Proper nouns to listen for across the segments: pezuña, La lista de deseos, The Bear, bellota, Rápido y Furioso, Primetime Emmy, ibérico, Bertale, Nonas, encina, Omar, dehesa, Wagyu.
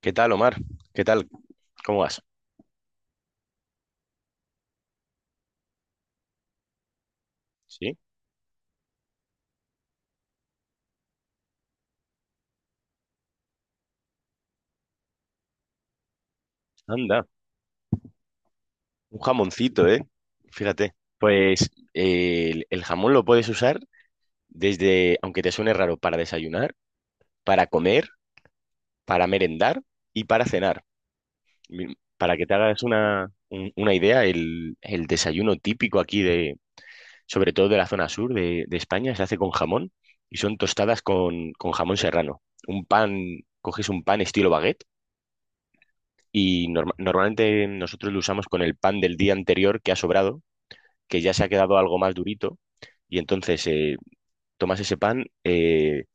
¿Qué tal, Omar? ¿Qué tal? ¿Cómo vas? Sí, anda, un jamoncito, ¿eh? Fíjate. Pues el jamón lo puedes usar desde, aunque te suene raro, para desayunar, para comer, para merendar y para cenar. Para que te hagas una idea, el desayuno típico aquí de, sobre todo de la zona sur de España, se hace con jamón y son tostadas con jamón serrano. Un pan, coges un pan estilo baguette y normalmente nosotros lo usamos con el pan del día anterior que ha sobrado, que ya se ha quedado algo más durito, y entonces tomas ese pan,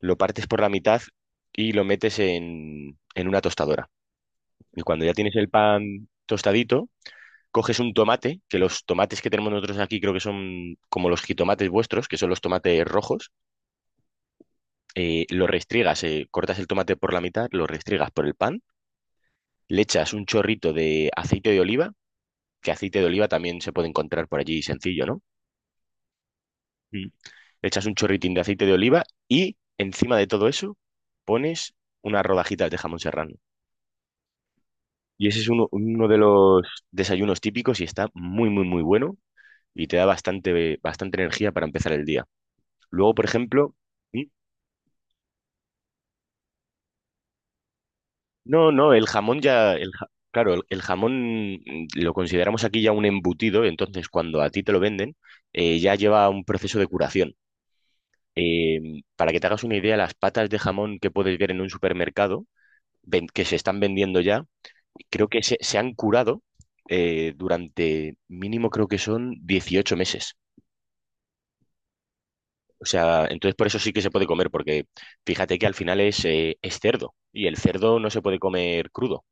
lo partes por la mitad y lo metes en una tostadora. Y cuando ya tienes el pan tostadito, coges un tomate, que los tomates que tenemos nosotros aquí creo que son como los jitomates vuestros, que son los tomates rojos, lo restriegas, cortas el tomate por la mitad, lo restriegas por el pan, le echas un chorrito de aceite de oliva, que aceite de oliva también se puede encontrar por allí sencillo, ¿no? Mm. Le echas un chorritín de aceite de oliva y encima de todo eso pones unas rodajitas de jamón serrano. Y ese es uno de los desayunos típicos y está muy, muy, muy bueno y te da bastante, bastante energía para empezar el día. Luego, por ejemplo. ¿Mm? No, no, el jamón ya, claro, el jamón lo consideramos aquí ya un embutido, entonces cuando a ti te lo venden, ya lleva un proceso de curación. Para que te hagas una idea, las patas de jamón que puedes ver en un supermercado, que se están vendiendo ya, creo que se han curado durante mínimo creo que son 18 meses. O sea, entonces por eso sí que se puede comer, porque fíjate que al final es cerdo y el cerdo no se puede comer crudo.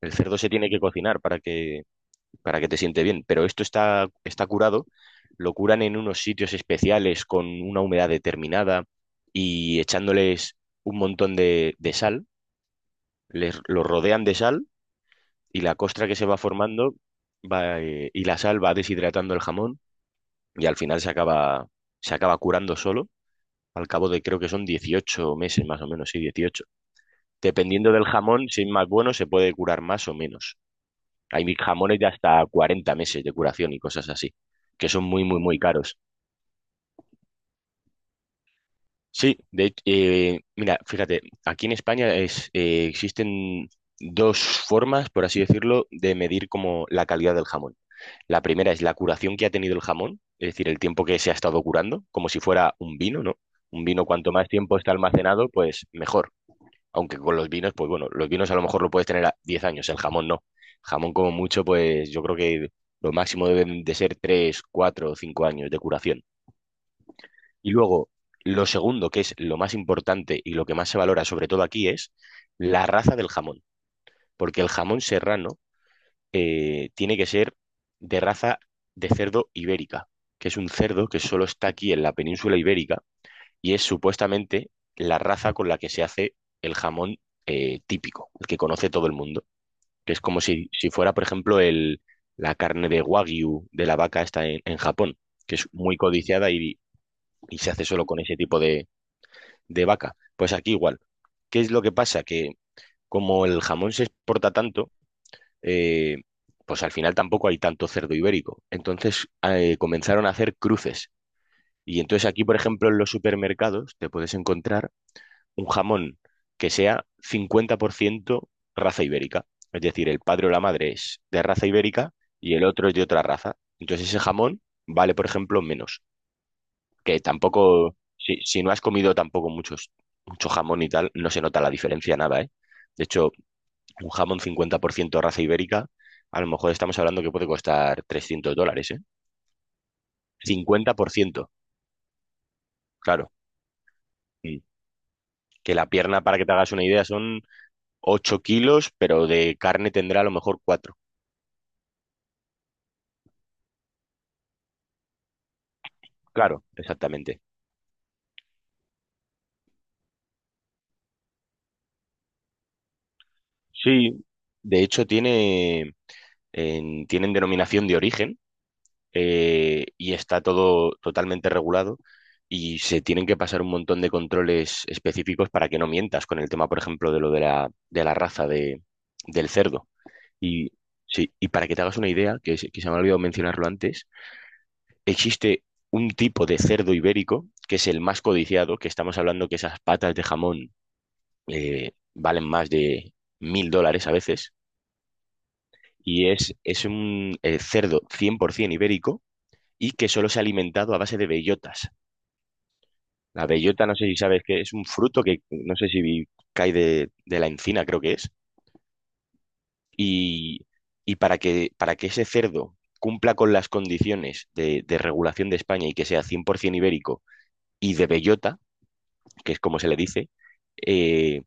El cerdo se tiene que cocinar para que te siente bien, pero esto está curado, lo curan en unos sitios especiales con una humedad determinada y echándoles un montón de sal, los rodean de sal y la costra que se va formando y la sal va deshidratando el jamón y al final se acaba curando solo. Al cabo de creo que son 18 meses más o menos, sí, 18. Dependiendo del jamón, si es más bueno, se puede curar más o menos. Hay jamones de hasta 40 meses de curación y cosas así, que son muy, muy, muy caros. Sí, de hecho, mira, fíjate, aquí en España existen dos formas, por así decirlo, de medir como la calidad del jamón. La primera es la curación que ha tenido el jamón, es decir, el tiempo que se ha estado curando, como si fuera un vino, ¿no? Un vino, cuanto más tiempo está almacenado, pues mejor. Aunque con los vinos, pues bueno, los vinos a lo mejor lo puedes tener a 10 años, el jamón no. Jamón como mucho, pues yo creo que lo máximo deben de ser 3, 4 o 5 años de curación. Y luego, lo segundo, que es lo más importante y lo que más se valora sobre todo aquí, es la raza del jamón. Porque el jamón serrano tiene que ser de raza de cerdo ibérica, que es un cerdo que solo está aquí en la península ibérica y es supuestamente la raza con la que se hace el jamón típico, el que conoce todo el mundo, que es como si fuera, por ejemplo, la carne de Wagyu de la vaca esta en Japón, que es muy codiciada y se hace solo con ese tipo de vaca. Pues aquí igual. ¿Qué es lo que pasa? Que como el jamón se exporta tanto, eh, pues al final tampoco hay tanto cerdo ibérico. Entonces comenzaron a hacer cruces. Y entonces aquí, por ejemplo, en los supermercados te puedes encontrar un jamón que sea 50% raza ibérica. Es decir, el padre o la madre es de raza ibérica y el otro es de otra raza. Entonces ese jamón vale, por ejemplo, menos. Que tampoco, si no has comido tampoco mucho jamón y tal, no se nota la diferencia nada, ¿eh? De hecho, un jamón 50% raza ibérica, a lo mejor estamos hablando que puede costar $300, ¿eh? 50%, claro. Mm. Que la pierna, para que te hagas una idea, son 8 kilos, pero de carne tendrá a lo mejor cuatro. Claro, exactamente. Sí, de hecho tienen denominación de origen, y está todo totalmente regulado y se tienen que pasar un montón de controles específicos para que no mientas con el tema, por ejemplo, de lo de la raza del cerdo. Y, sí, y para que te hagas una idea, que se me ha olvidado mencionarlo antes, existe un tipo de cerdo ibérico que es el más codiciado, que estamos hablando que esas patas de jamón valen más de $1000 a veces y es un cerdo 100% ibérico y que solo se ha alimentado a base de bellotas. La bellota, no sé si sabes que es un fruto que no sé si cae de la encina, creo que es. Y, y para que ese cerdo cumpla con las condiciones de regulación de España y que sea 100% ibérico y de bellota, que es como se le dice, eh,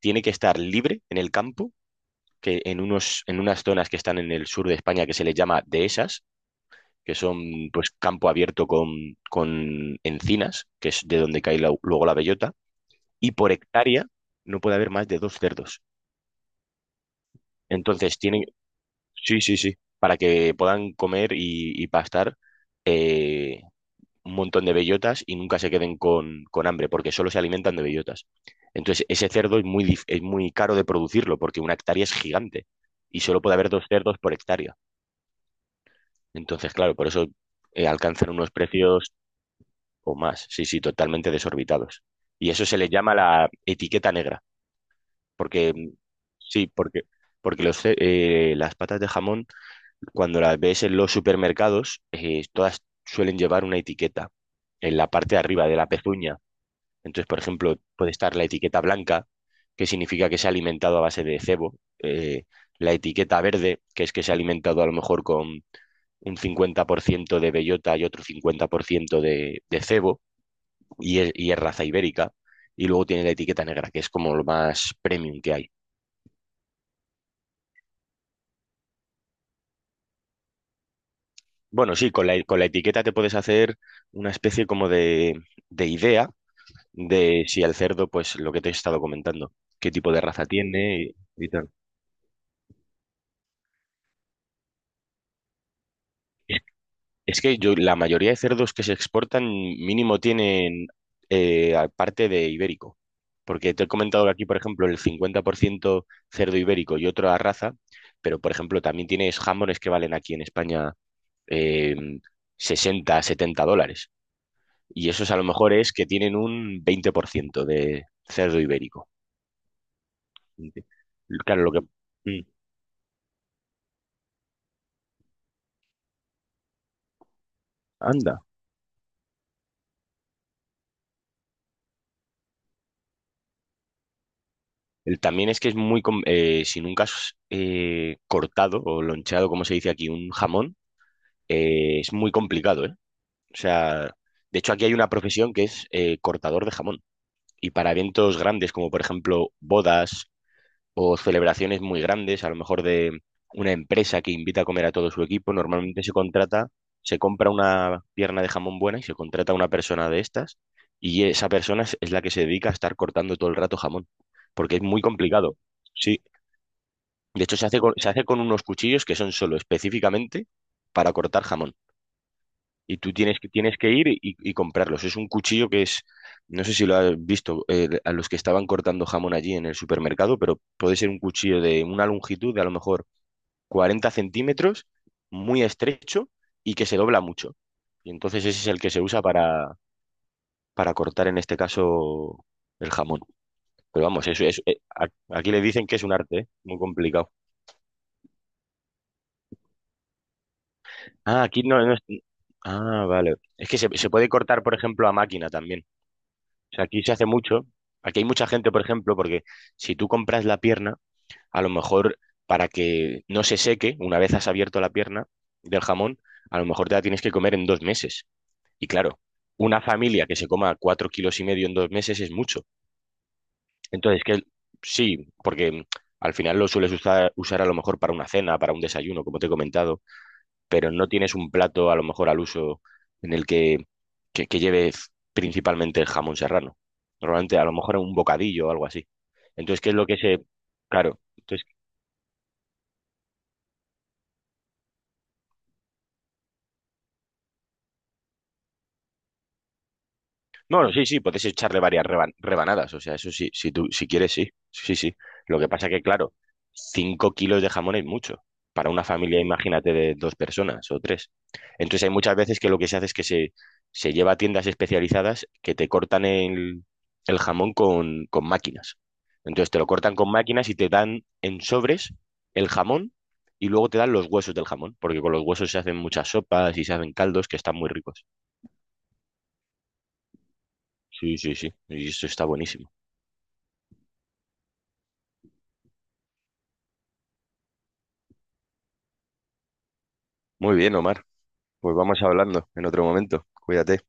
tiene que estar libre en el campo, que en unas zonas que están en el sur de España que se les llama dehesas, que son pues campo abierto con encinas, que es de donde cae luego la bellota, y por hectárea no puede haber más de dos cerdos. Entonces sí, sí, sí, para que puedan comer y pastar, eh, un montón de bellotas y nunca se queden con hambre, porque solo se alimentan de bellotas. Entonces ese cerdo es muy caro de producirlo, porque una hectárea es gigante y solo puede haber dos cerdos por hectárea. Entonces, claro, por eso, alcanzan unos precios o más. Sí, sí, totalmente desorbitados. Y eso se le llama la etiqueta negra, porque sí, porque las patas de jamón, cuando las ves en los supermercados, todas suelen llevar una etiqueta en la parte de arriba de la pezuña. Entonces, por ejemplo, puede estar la etiqueta blanca, que significa que se ha alimentado a base de cebo, eh, la etiqueta verde, que es que se ha alimentado a lo mejor con un 50% de bellota y otro 50% de cebo y es raza ibérica, y luego tiene la etiqueta negra, que es como lo más premium que hay. Bueno, sí, con la etiqueta te puedes hacer una especie como de idea de si el cerdo, pues lo que te he estado comentando, qué tipo de raza tiene y tal. Es, es que yo, la mayoría de cerdos que se exportan mínimo tienen, parte de ibérico. Porque te he comentado que aquí, por ejemplo, el 50% cerdo ibérico y otra raza, pero por ejemplo, también tienes jamones que valen aquí en España, eh, 60, $70. Y esos a lo mejor es que tienen un 20% de cerdo ibérico. Claro, lo que. Mm. Anda. También es que es muy, si nunca has, cortado o loncheado, como se dice aquí, un jamón, es muy complicado, ¿eh? O sea, de hecho aquí hay una profesión que es, cortador de jamón. Y para eventos grandes como por ejemplo bodas o celebraciones muy grandes, a lo mejor de una empresa que invita a comer a todo su equipo, normalmente se contrata, se compra una pierna de jamón buena y se contrata a una persona de estas y esa persona es la que se dedica a estar cortando todo el rato jamón, porque es muy complicado. Sí, de hecho se hace con unos cuchillos que son solo específicamente para cortar jamón y tú tienes que ir y comprarlos. Es un cuchillo que es, no sé si lo has visto, a los que estaban cortando jamón allí en el supermercado, pero puede ser un cuchillo de una longitud de a lo mejor 40 centímetros, muy estrecho y que se dobla mucho. Y entonces ese es el que se usa para cortar en este caso el jamón. Pero vamos, eso es, aquí le dicen que es un arte, ¿eh? Muy complicado. Ah, aquí no, Ah, vale. Es que se puede cortar, por ejemplo, a máquina también. O sea, aquí se hace mucho. Aquí hay mucha gente, por ejemplo, porque si tú compras la pierna, a lo mejor para que no se seque, una vez has abierto la pierna del jamón, a lo mejor te la tienes que comer en 2 meses. Y claro, una familia que se coma 4,5 kilos en 2 meses es mucho. Entonces, que sí, porque al final lo sueles usar a lo mejor para una cena, para un desayuno, como te he comentado, pero no tienes un plato a lo mejor al uso en el que lleve principalmente el jamón serrano. Normalmente a lo mejor un bocadillo o algo así. Entonces, qué es lo que se. Claro, entonces. No, no, sí, sí, puedes echarle varias rebanadas, o sea, eso sí, si quieres, sí, sí, sí. Lo que pasa que, claro, 5 kilos de jamón es mucho. Para una familia, imagínate, de dos personas o tres. Entonces hay muchas veces que lo que se hace es que se lleva a tiendas especializadas que te cortan el jamón con máquinas. Entonces te lo cortan con máquinas y te dan en sobres el jamón y luego te dan los huesos del jamón, porque con los huesos se hacen muchas sopas y se hacen caldos que están muy ricos. Sí, sí, sí, y eso está buenísimo. Muy bien, Omar. Pues vamos hablando en otro momento. Cuídate.